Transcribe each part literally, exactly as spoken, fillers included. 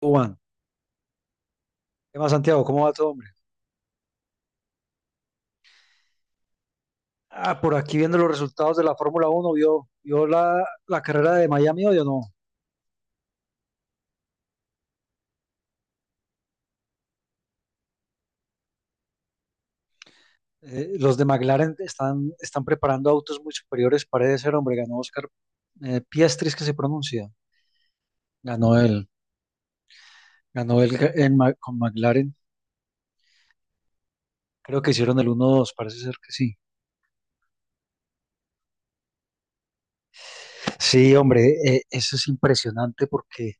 Juan, ¿qué más, Santiago? ¿Cómo va todo, hombre? Ah, por aquí viendo los resultados de la Fórmula Uno, ¿vio, vio la, la carrera de Miami hoy o no? Eh, los de McLaren están, están preparando autos muy superiores, parece ser, hombre. Ganó Oscar eh, Piastri, es que se pronuncia. Ganó él, ganó él ca- en Ma- con McLaren. Creo que hicieron el uno dos, parece ser que sí. Sí, hombre, eh, eso es impresionante porque,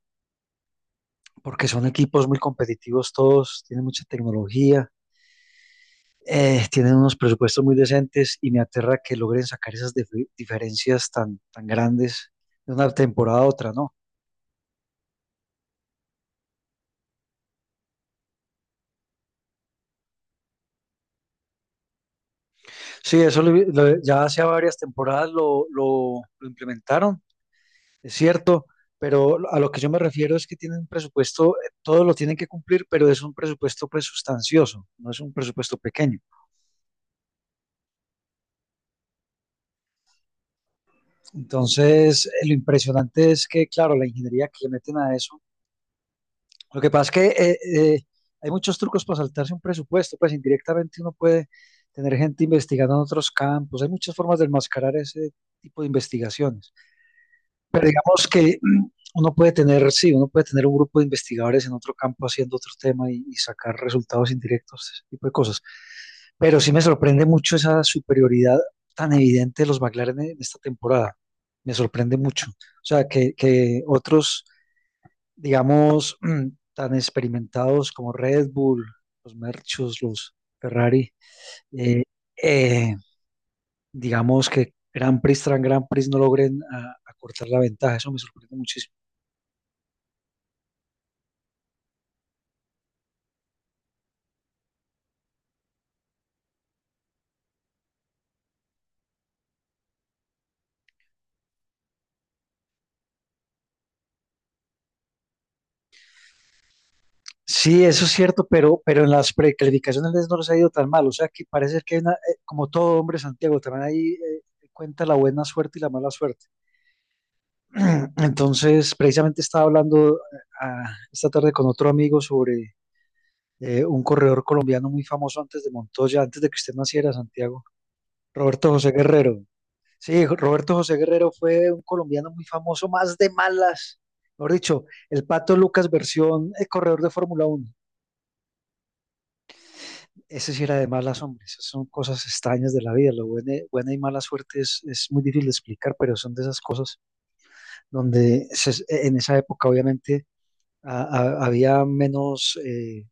porque son equipos muy competitivos todos, tienen mucha tecnología. Eh, tienen unos presupuestos muy decentes y me aterra que logren sacar esas dif- diferencias tan, tan grandes de una temporada a otra, ¿no? Sí, eso lo- lo- ya hace varias temporadas lo, lo- lo implementaron, es cierto, pero a lo que yo me refiero es que tienen un presupuesto, eh, todo lo tienen que cumplir, pero es un presupuesto pues sustancioso, no es un presupuesto pequeño. Entonces, eh, lo impresionante es que, claro, la ingeniería que le meten a eso. Lo que pasa es que eh, eh, hay muchos trucos para saltarse un presupuesto, pues indirectamente uno puede tener gente investigando en otros campos, hay muchas formas de enmascarar ese tipo de investigaciones. Pero digamos que mm, uno puede tener, sí, uno puede tener un grupo de investigadores en otro campo haciendo otro tema y, y sacar resultados indirectos, ese tipo de cosas. Pero sí me sorprende mucho esa superioridad tan evidente de los McLaren en esta temporada. Me sorprende mucho. O sea, que, que otros digamos, tan experimentados como Red Bull, los Merchus, los Ferrari, eh, eh, digamos que Grand Prix tras Grand Prix no logren a- acortar la ventaja. Eso me sorprende muchísimo. Sí, eso es cierto, pero, pero en las precalificaciones no les ha ido tan mal. O sea, que parece que hay una- eh, como todo hombre, Santiago, también ahí eh, cuenta la buena suerte y la mala suerte. Entonces, precisamente estaba hablando eh, a- esta tarde con otro amigo sobre eh, un corredor colombiano muy famoso antes de Montoya, antes de que usted naciera, Santiago, Roberto José Guerrero. Sí, Roberto José Guerrero fue un colombiano muy famoso, más de malas. Mejor dicho, el Pato Lucas versión eh, corredor de Fórmula Uno. Ese sí era de malas, hombres. son cosas extrañas de la vida. Lo buena, buena y mala suerte es, es muy difícil de explicar, pero son de esas cosas donde se- en esa época obviamente a- a- había menos eh,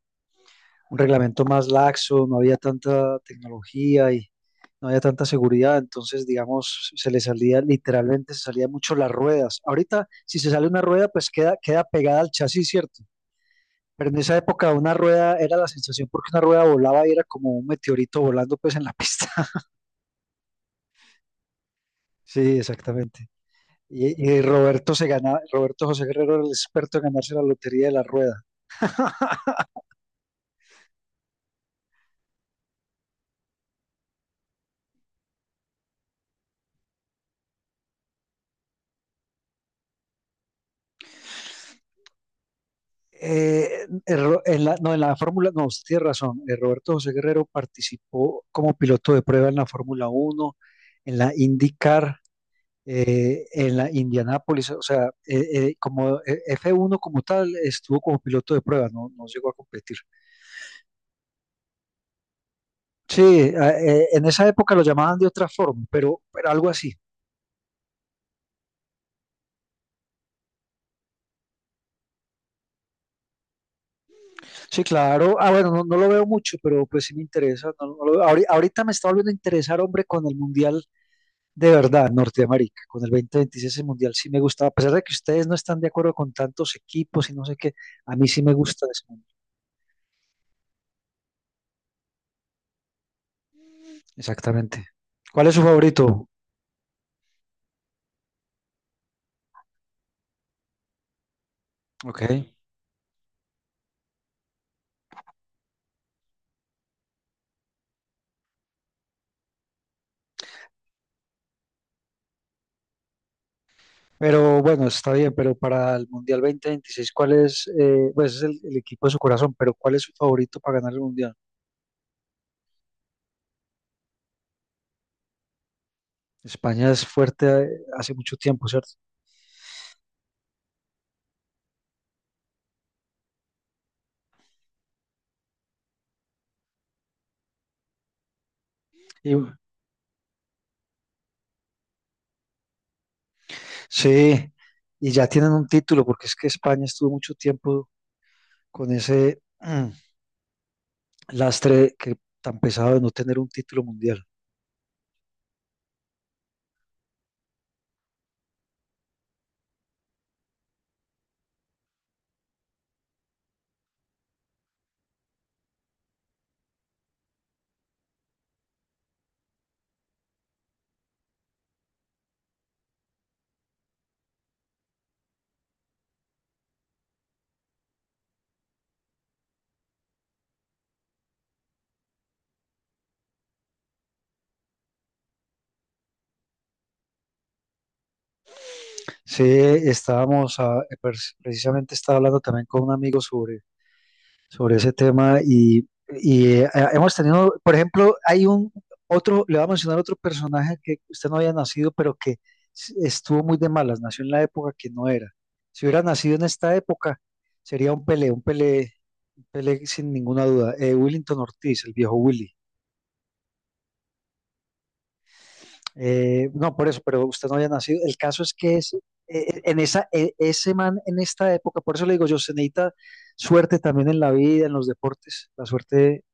un reglamento más laxo, no había tanta tecnología y no había tanta seguridad, entonces, digamos, se le salía, literalmente se salían mucho las ruedas. Ahorita, si se sale una rueda, pues queda, queda pegada al chasis, ¿cierto? Pero en esa época una rueda era la sensación porque una rueda volaba y era como un meteorito volando pues en la pista. Sí, exactamente. Y, y Roberto se ganaba, Roberto José Guerrero era el experto en ganarse la lotería de la rueda. Eh, erro- en la, no, en la Fórmula, no, usted tiene razón. Eh, Roberto José Guerrero participó como piloto de prueba en la Fórmula Uno en la IndyCar, eh, en la Indianápolis, o sea, eh, eh, como eh, f uno como tal, estuvo como piloto de prueba, no, no llegó a competir. Sí, a- eh, en esa época lo llamaban de otra forma, pero, pero algo así. Sí, claro. Ah, bueno, no, no lo veo mucho, pero pues sí me interesa. No- no lo veo. Ahori- Ahorita, me está volviendo a interesar, hombre, con el Mundial de verdad, Norteamérica, con el dos mil veintiséis el Mundial sí me gustaba, a pesar de que ustedes no están de acuerdo con tantos equipos y no sé qué, a mí sí me gusta ese Mundial. Exactamente. ¿Cuál es su favorito? Ok. Pero bueno, está bien, pero para el Mundial dos mil veintiséis, ¿cuál es? Eh, pues es el, el equipo de su corazón, pero ¿cuál es su favorito para ganar el Mundial? España es fuerte eh, hace mucho tiempo, ¿cierto? Y, sí, y ya tienen un título, porque es que España estuvo mucho tiempo con ese, lastre, que tan pesado de no tener un título mundial. Sí, estábamos, a- pers- precisamente estaba hablando también con un amigo sobre, sobre ese tema y, y, eh, hemos tenido, por ejemplo, hay un otro, le voy a mencionar otro personaje que usted no había nacido, pero que s- estuvo muy de malas, nació en la época que no era. Si hubiera nacido en esta época, sería un Pelé, un Pelé, un Pelé sin ninguna duda. Eh, Willington Ortiz, el viejo Willy. Eh, no, por eso, pero usted no había nacido. El caso es que ese, eh, en esa, eh, ese man en esta época, por eso le digo yo, se necesita suerte también en la vida, en los deportes. La suerte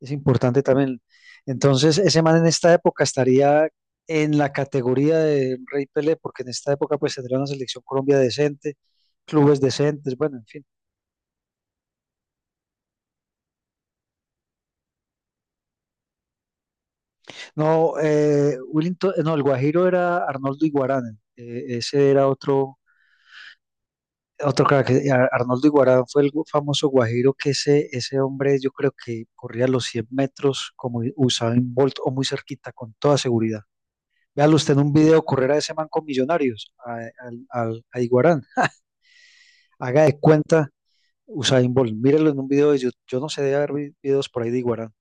es importante también. Entonces, ese man en esta época estaría en la categoría de Rey Pelé, porque en esta época pues tendría una selección Colombia decente, clubes decentes, bueno, en fin. No, eh, Willington- no, el Guajiro era Arnoldo Iguarán, eh, ese era otro. Otro crack, eh, Ar- Arnoldo Iguarán fue el gu- famoso guajiro que ese, ese hombre yo creo que corría los cien metros como i- Usain Bolt o muy cerquita, con toda seguridad. Véalo usted en un video correr a ese man con Millonarios, a, al- al- a Iguarán. Haga de cuenta Usain Bolt, mírelo en un video de YouTube. Yo no sé, de haber vi- videos por ahí de Iguarán.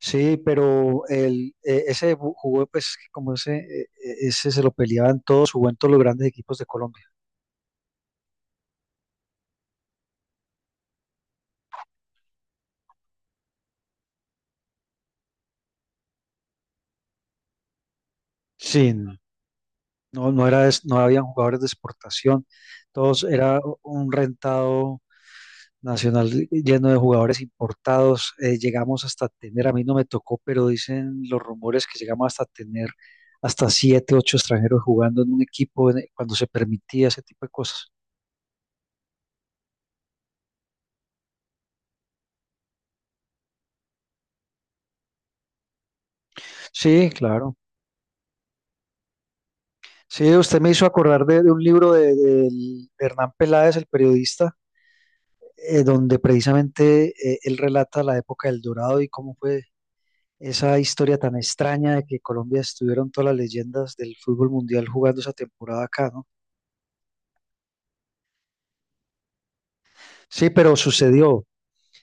Sí, pero el, eh, ese bu- jugó, pues como ese, eh, eh, ese se lo peleaban todos, jugó en todos los grandes equipos de Colombia. Sí, no, no era, es- no habían jugadores de exportación, todos era un rentado nacional lleno de jugadores importados. Eh, llegamos hasta tener, a mí no me tocó, pero dicen los rumores que llegamos hasta tener hasta siete, ocho extranjeros jugando en un equipo en- cuando se permitía ese tipo de cosas. Sí, claro. Sí, usted me hizo acordar de, de un libro de, del- de Hernán Peláez, el periodista, eh, donde precisamente eh, él relata la época del Dorado y cómo fue esa historia tan extraña de que Colombia estuvieron todas las leyendas del fútbol mundial jugando esa temporada acá, ¿no? Sí, pero sucedió.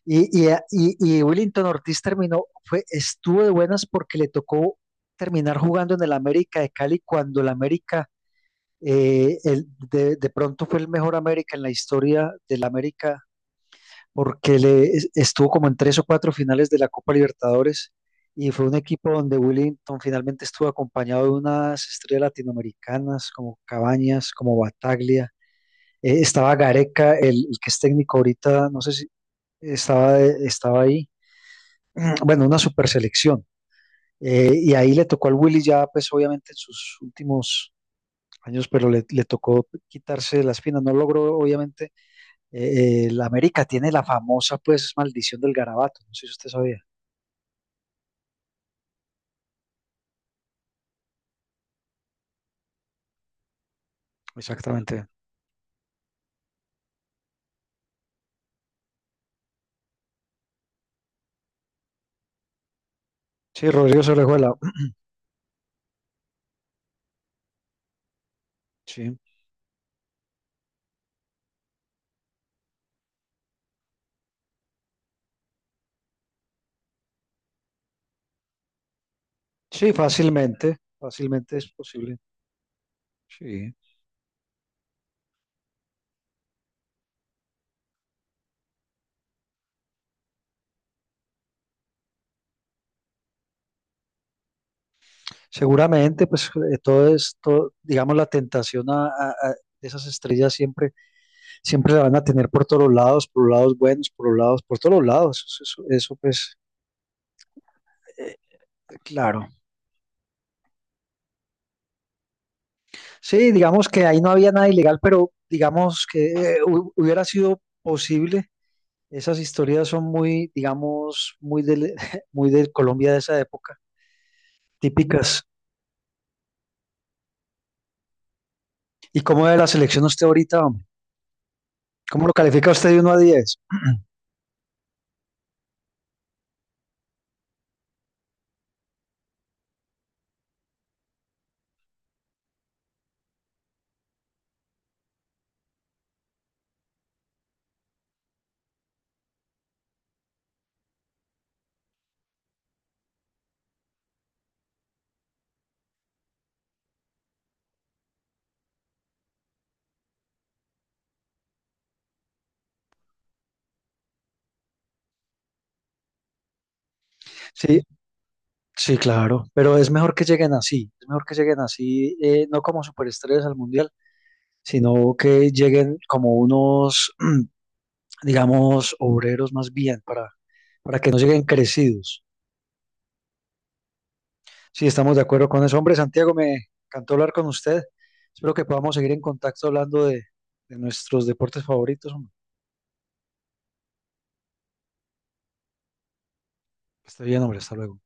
Y, y, eh, y, y Willington Ortiz terminó, fue, estuvo de buenas porque le tocó terminar jugando en el América de Cali cuando el América, eh, el- de, de pronto fue el mejor América en la historia del América porque le es- estuvo como en tres o cuatro finales de la Copa Libertadores y fue un equipo donde Willington finalmente estuvo acompañado de unas estrellas latinoamericanas como Cabañas, como Bataglia. Eh, estaba Gareca, el, el que es técnico ahorita, no sé si estaba, estaba ahí. Bueno, una super selección. Eh, y ahí le tocó al Willy ya, pues obviamente en sus últimos años, pero le, le tocó quitarse las espinas. No logró obviamente eh, el América tiene la famosa, pues, maldición del garabato. No sé si usted sabía. Exactamente. Sí, Rodrigo Orejuela. Sí, sí, fácilmente. Fácilmente es posible. Sí. Seguramente, pues, eh, todo es, todo, digamos, la tentación a, a- a esas estrellas siempre, siempre la van a tener por todos los lados, por los lados buenos, por los lados, por todos los lados. Eso, eso, eso, pues, eh, claro. Sí, digamos que ahí no había nada ilegal, pero digamos que eh, hu- hubiera sido posible. Esas historias son muy, digamos, muy del, muy del Colombia de esa época, típicas. ¿Y cómo ve la selección usted ahorita, hombre? ¿Cómo lo califica usted de uno a diez? Sí, sí, claro, pero es mejor que lleguen así, es mejor que lleguen así, eh, no como superestrellas al mundial, sino que lleguen como unos, digamos, obreros más bien, para, para que no lleguen crecidos. Sí, estamos de acuerdo con eso. Hombre, Santiago, me encantó hablar con usted. Espero que podamos seguir en contacto hablando de, de nuestros deportes favoritos. hombre. Que esté bien, hombre. Hasta luego.